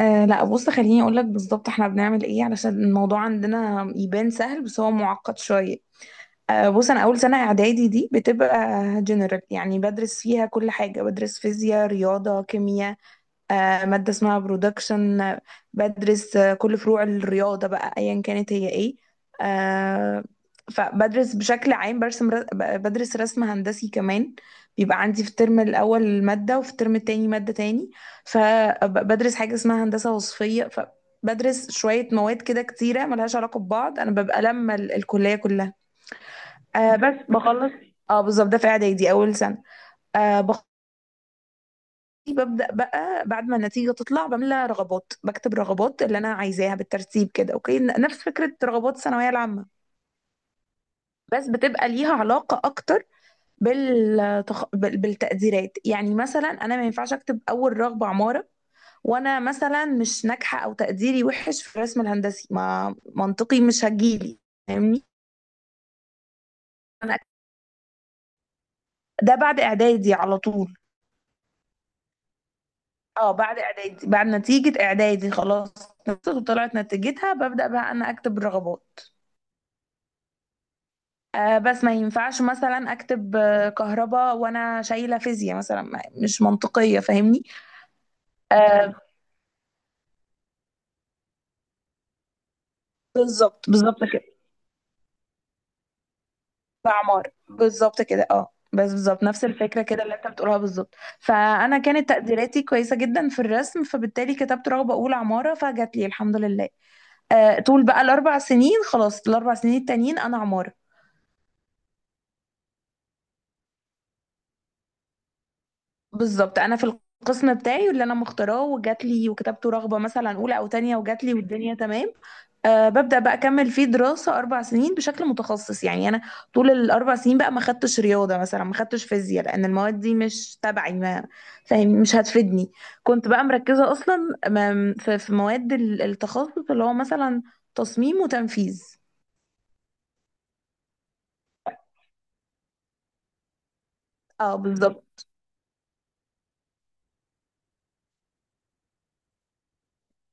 أه، لا بص، خليني اقول لك بالظبط احنا بنعمل ايه علشان الموضوع عندنا يبان سهل، بس هو معقد شويه. أه، بص، انا اول سنه اعدادي دي بتبقى جنرال، يعني بدرس فيها كل حاجه، بدرس فيزياء، رياضه، كيمياء. مادة اسمها برودكشن بدرس كل فروع الرياضة، بقى أيا كانت هي ايه آه، فبدرس بشكل عام، بدرس رسم هندسي كمان. بيبقى عندي في الترم الأول مادة، وفي الترم التاني مادة تاني، فبدرس حاجة اسمها هندسة وصفية. فبدرس شوية مواد كده كتيرة ملهاش علاقة ببعض، أنا ببقى لما الكلية كلها. بس بخلص. اه، بالظبط، ده في إعدادي أول سنة. آه، ببدأ بقى بعد ما النتيجة تطلع، بملى رغبات، بكتب رغبات اللي أنا عايزاها بالترتيب كده، أوكي، نفس فكرة رغبات الثانوية العامة. بس بتبقى ليها علاقة أكتر بالتقديرات، يعني مثلا أنا ما ينفعش أكتب أول رغبة عمارة وأنا مثلا مش ناجحة، أو تقديري وحش في الرسم الهندسي، ما منطقي مش هجيلي. فاهمني؟ أنا ده بعد إعدادي على طول. اه، بعد اعدادي، بعد نتيجة اعدادي خلاص، وطلعت نتيجتها، ببدأ بقى انا اكتب الرغبات. بس ما ينفعش مثلا اكتب كهرباء وانا شايله فيزياء مثلا، مش منطقيه. فاهمني؟ آه، بالظبط بالظبط كده. بالظبط كده، اه بس بالظبط نفس الفكره كده اللي انت بتقولها بالظبط. فانا كانت تقديراتي كويسه جدا في الرسم، فبالتالي كتبت رغبه اولى عماره، فجات لي الحمد لله. طول بقى الاربع سنين، خلاص الاربع سنين التانيين انا عماره. بالظبط، انا في القسم بتاعي واللي انا مختاراه وجات لي، وكتبت رغبه مثلا اولى او تانية وجات لي والدنيا تمام. أه، ببدأ بقى أكمل فيه دراسة 4 سنين بشكل متخصص، يعني أنا طول الأربع سنين بقى ما خدتش رياضة مثلا، ما خدتش فيزياء، لأن المواد دي مش تبعي، ما فاهم، مش هتفيدني. كنت بقى مركزة أصلا في مواد التخصص اللي هو مثلا تصميم وتنفيذ. اه بالظبط.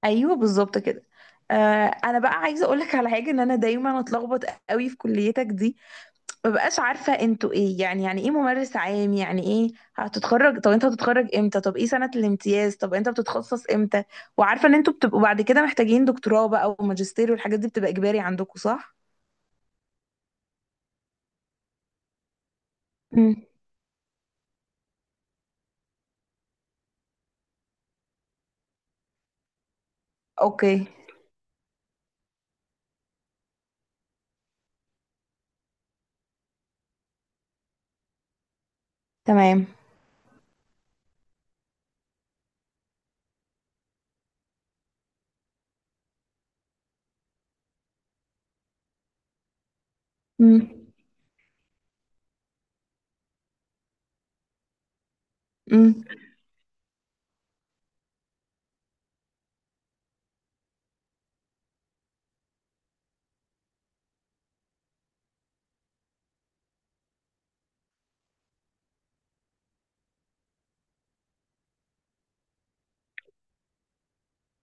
أيوه بالظبط كده. أه. أنا بقى عايزة أقولك على حاجة، إن أنا دايما أتلخبط قوي في كليتك دي. ما بقاش عارفة انتوا ايه؟ يعني ايه ممارس عام؟ يعني ايه هتتخرج؟ طب انت هتتخرج امتى؟ طب ايه سنة الامتياز؟ طب انت بتتخصص امتى؟ وعارفة ان انتوا بتبقوا بعد كده محتاجين دكتوراه بقى، وماجستير، والحاجات دي بتبقى اجباري عندكم، صح؟ مم. اوكي تمام. مم. مم.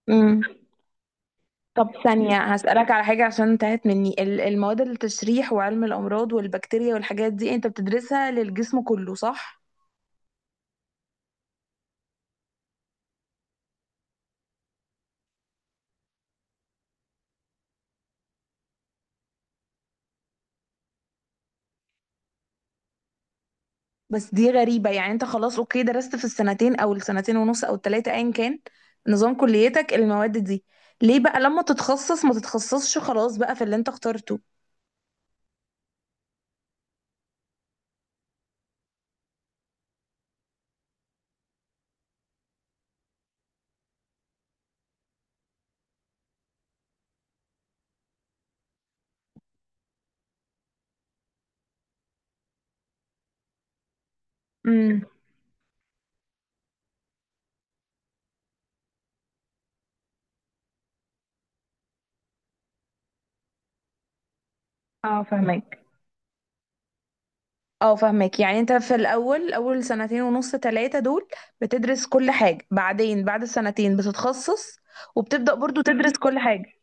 مم. طب ثانية هسألك على حاجة، عشان انتهت مني المواد، التشريح وعلم الأمراض والبكتيريا والحاجات دي انت بتدرسها للجسم كله، صح؟ بس دي غريبة، يعني انت خلاص اوكي، درست في السنتين او السنتين ونص او التلاتة ايا كان نظام كليتك المواد دي. ليه بقى لما تتخصص ما تتخصصش خلاص بقى في اللي انت اخترته؟ امم. اه فهمك. اه فاهمك، يعني انت في الاول اول سنتين ونص تلاتة دول بتدرس كل حاجة، بعدين بعد السنتين بتتخصص، وبتبدأ برضو تدرس كل حاجة.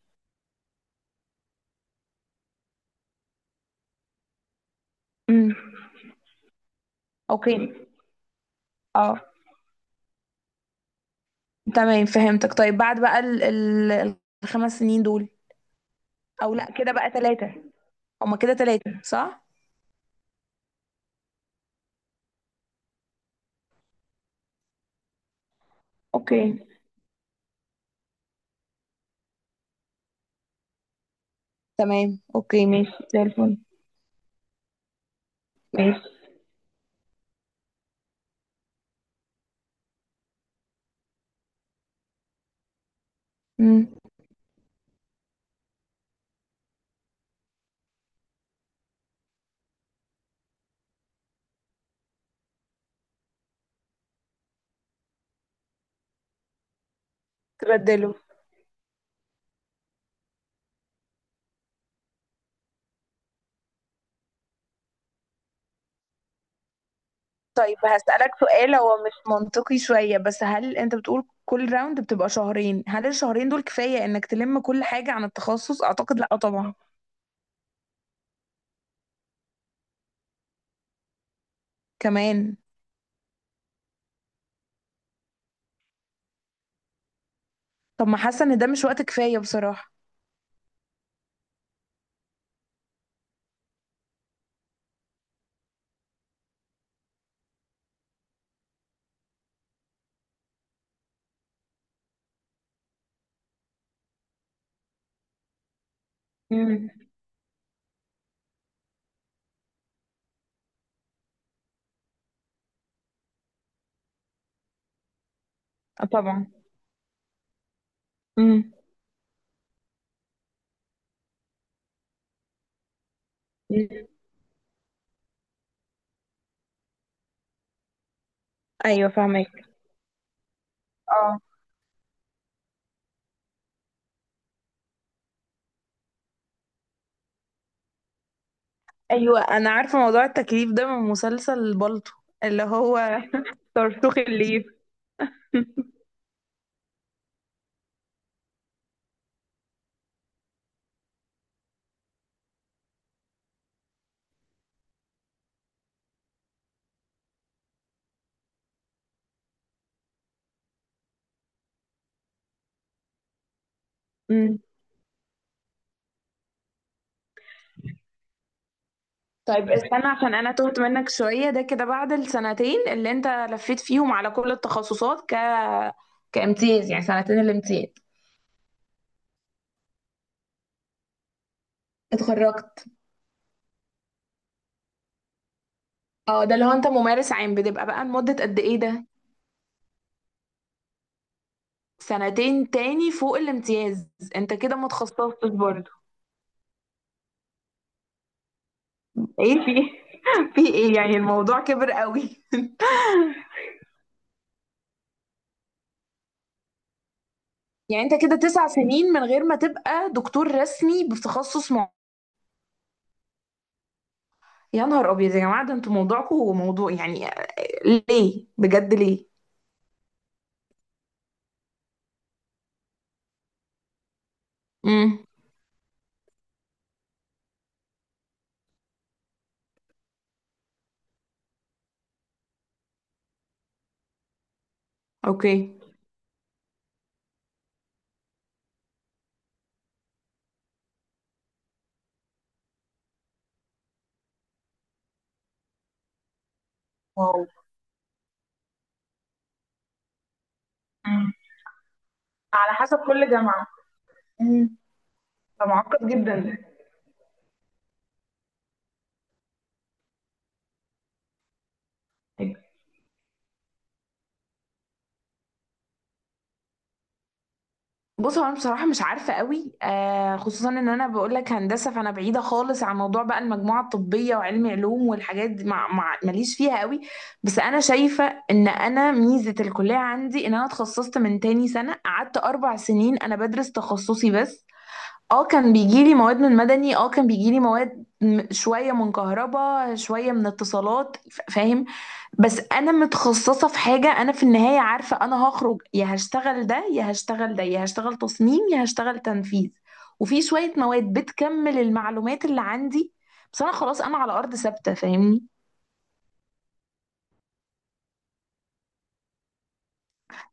امم. اوكي. اه. تمام فهمتك. طيب بعد بقى ال ال الخمس سنين دول، او لا كده بقى تلاتة، هما كده تلاتة صح؟ اوكي تمام. اوكي ماشي زي الفل. ماشي. مم. تبدله. طيب هسألك سؤال، هو مش منطقي شوية، بس هل انت بتقول كل راوند بتبقى شهرين؟ هل الشهرين دول كفاية انك تلم كل حاجة عن التخصص؟ اعتقد لا طبعا. كمان. طب ما حاسة ان ده مش وقت كفاية بصراحة. امم. طبعا. امم. ايوه فاهمك. اه. ايوه انا عارفة موضوع التكليف ده من مسلسل بالطو. اللي هو صرصوخ الليل. طيب استنى، عشان انا تهت منك شوية. ده كده بعد السنتين اللي انت لفيت فيهم على كل التخصصات كامتياز، يعني سنتين الامتياز. اتخرجت. اه، ده اللي هو انت ممارس عام بتبقى بقى لمدة قد ايه ده؟ سنتين تاني فوق الامتياز؟ انت كده ما اتخصصتش برضه؟ ايه في في ايه يعني، الموضوع كبر قوي؟ يعني انت كده 9 سنين من غير ما تبقى دكتور رسمي بتخصص معين؟ يا نهار ابيض يا جماعة، ده انتوا موضوعكم موضوع يعني، ليه بجد ليه؟ امم. اوكي. واو. مم. على حسب كل جامعة. مم. ده معقد جدا ده. بص، هو انا بصراحه مش عارفه قوي، خصوصا ان انا بقول لك هندسه، فانا بعيده خالص عن موضوع بقى المجموعه الطبيه وعلمي علوم والحاجات دي، مع ماليش فيها قوي. بس انا شايفه ان انا ميزه الكليه عندي، ان انا اتخصصت من تاني سنه، قعدت 4 سنين انا بدرس تخصصي بس. اه كان بيجيلي مواد من مدني، اه كان بيجيلي مواد شويه من كهرباء، شويه من اتصالات، فاهم. بس انا متخصصه في حاجه، انا في النهايه عارفه انا هخرج يا هشتغل ده يا هشتغل ده يا هشتغل تصميم يا هشتغل تنفيذ. وفي شويه مواد بتكمل المعلومات اللي عندي. بس انا خلاص انا على ارض ثابته. فاهمني؟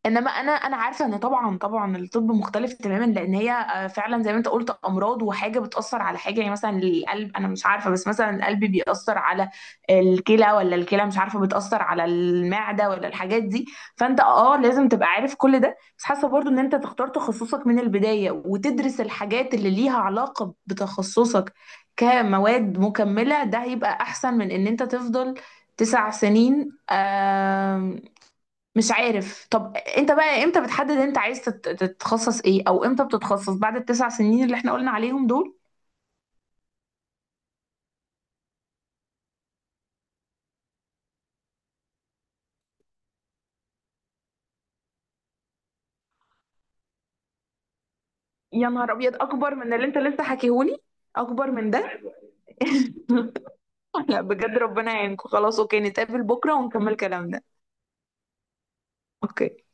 انما انا عارفه ان طبعا طبعا الطب مختلف تماما، لان هي فعلا زي ما انت قلت امراض، وحاجه بتاثر على حاجه، يعني مثلا القلب انا مش عارفه، بس مثلا القلب بيأثر على الكلى، ولا الكلى مش عارفه بتأثر على المعده ولا الحاجات دي. فانت اه لازم تبقى عارف كل ده، بس حاسه برضو ان انت تختار تخصصك من البدايه وتدرس الحاجات اللي ليها علاقه بتخصصك كمواد مكمله، ده هيبقى احسن من ان انت تفضل 9 سنين. مش عارف. طب انت بقى امتى بتحدد انت عايز تتخصص ايه؟ او امتى بتتخصص بعد التسع سنين اللي احنا قلنا عليهم دول؟ يا نهار ابيض، اكبر من اللي انت لسه حكيهولي؟ اكبر من ده؟ لا بجد ربنا يعينكم. خلاص اوكي، نتقابل بكره ونكمل كلامنا. اوكي.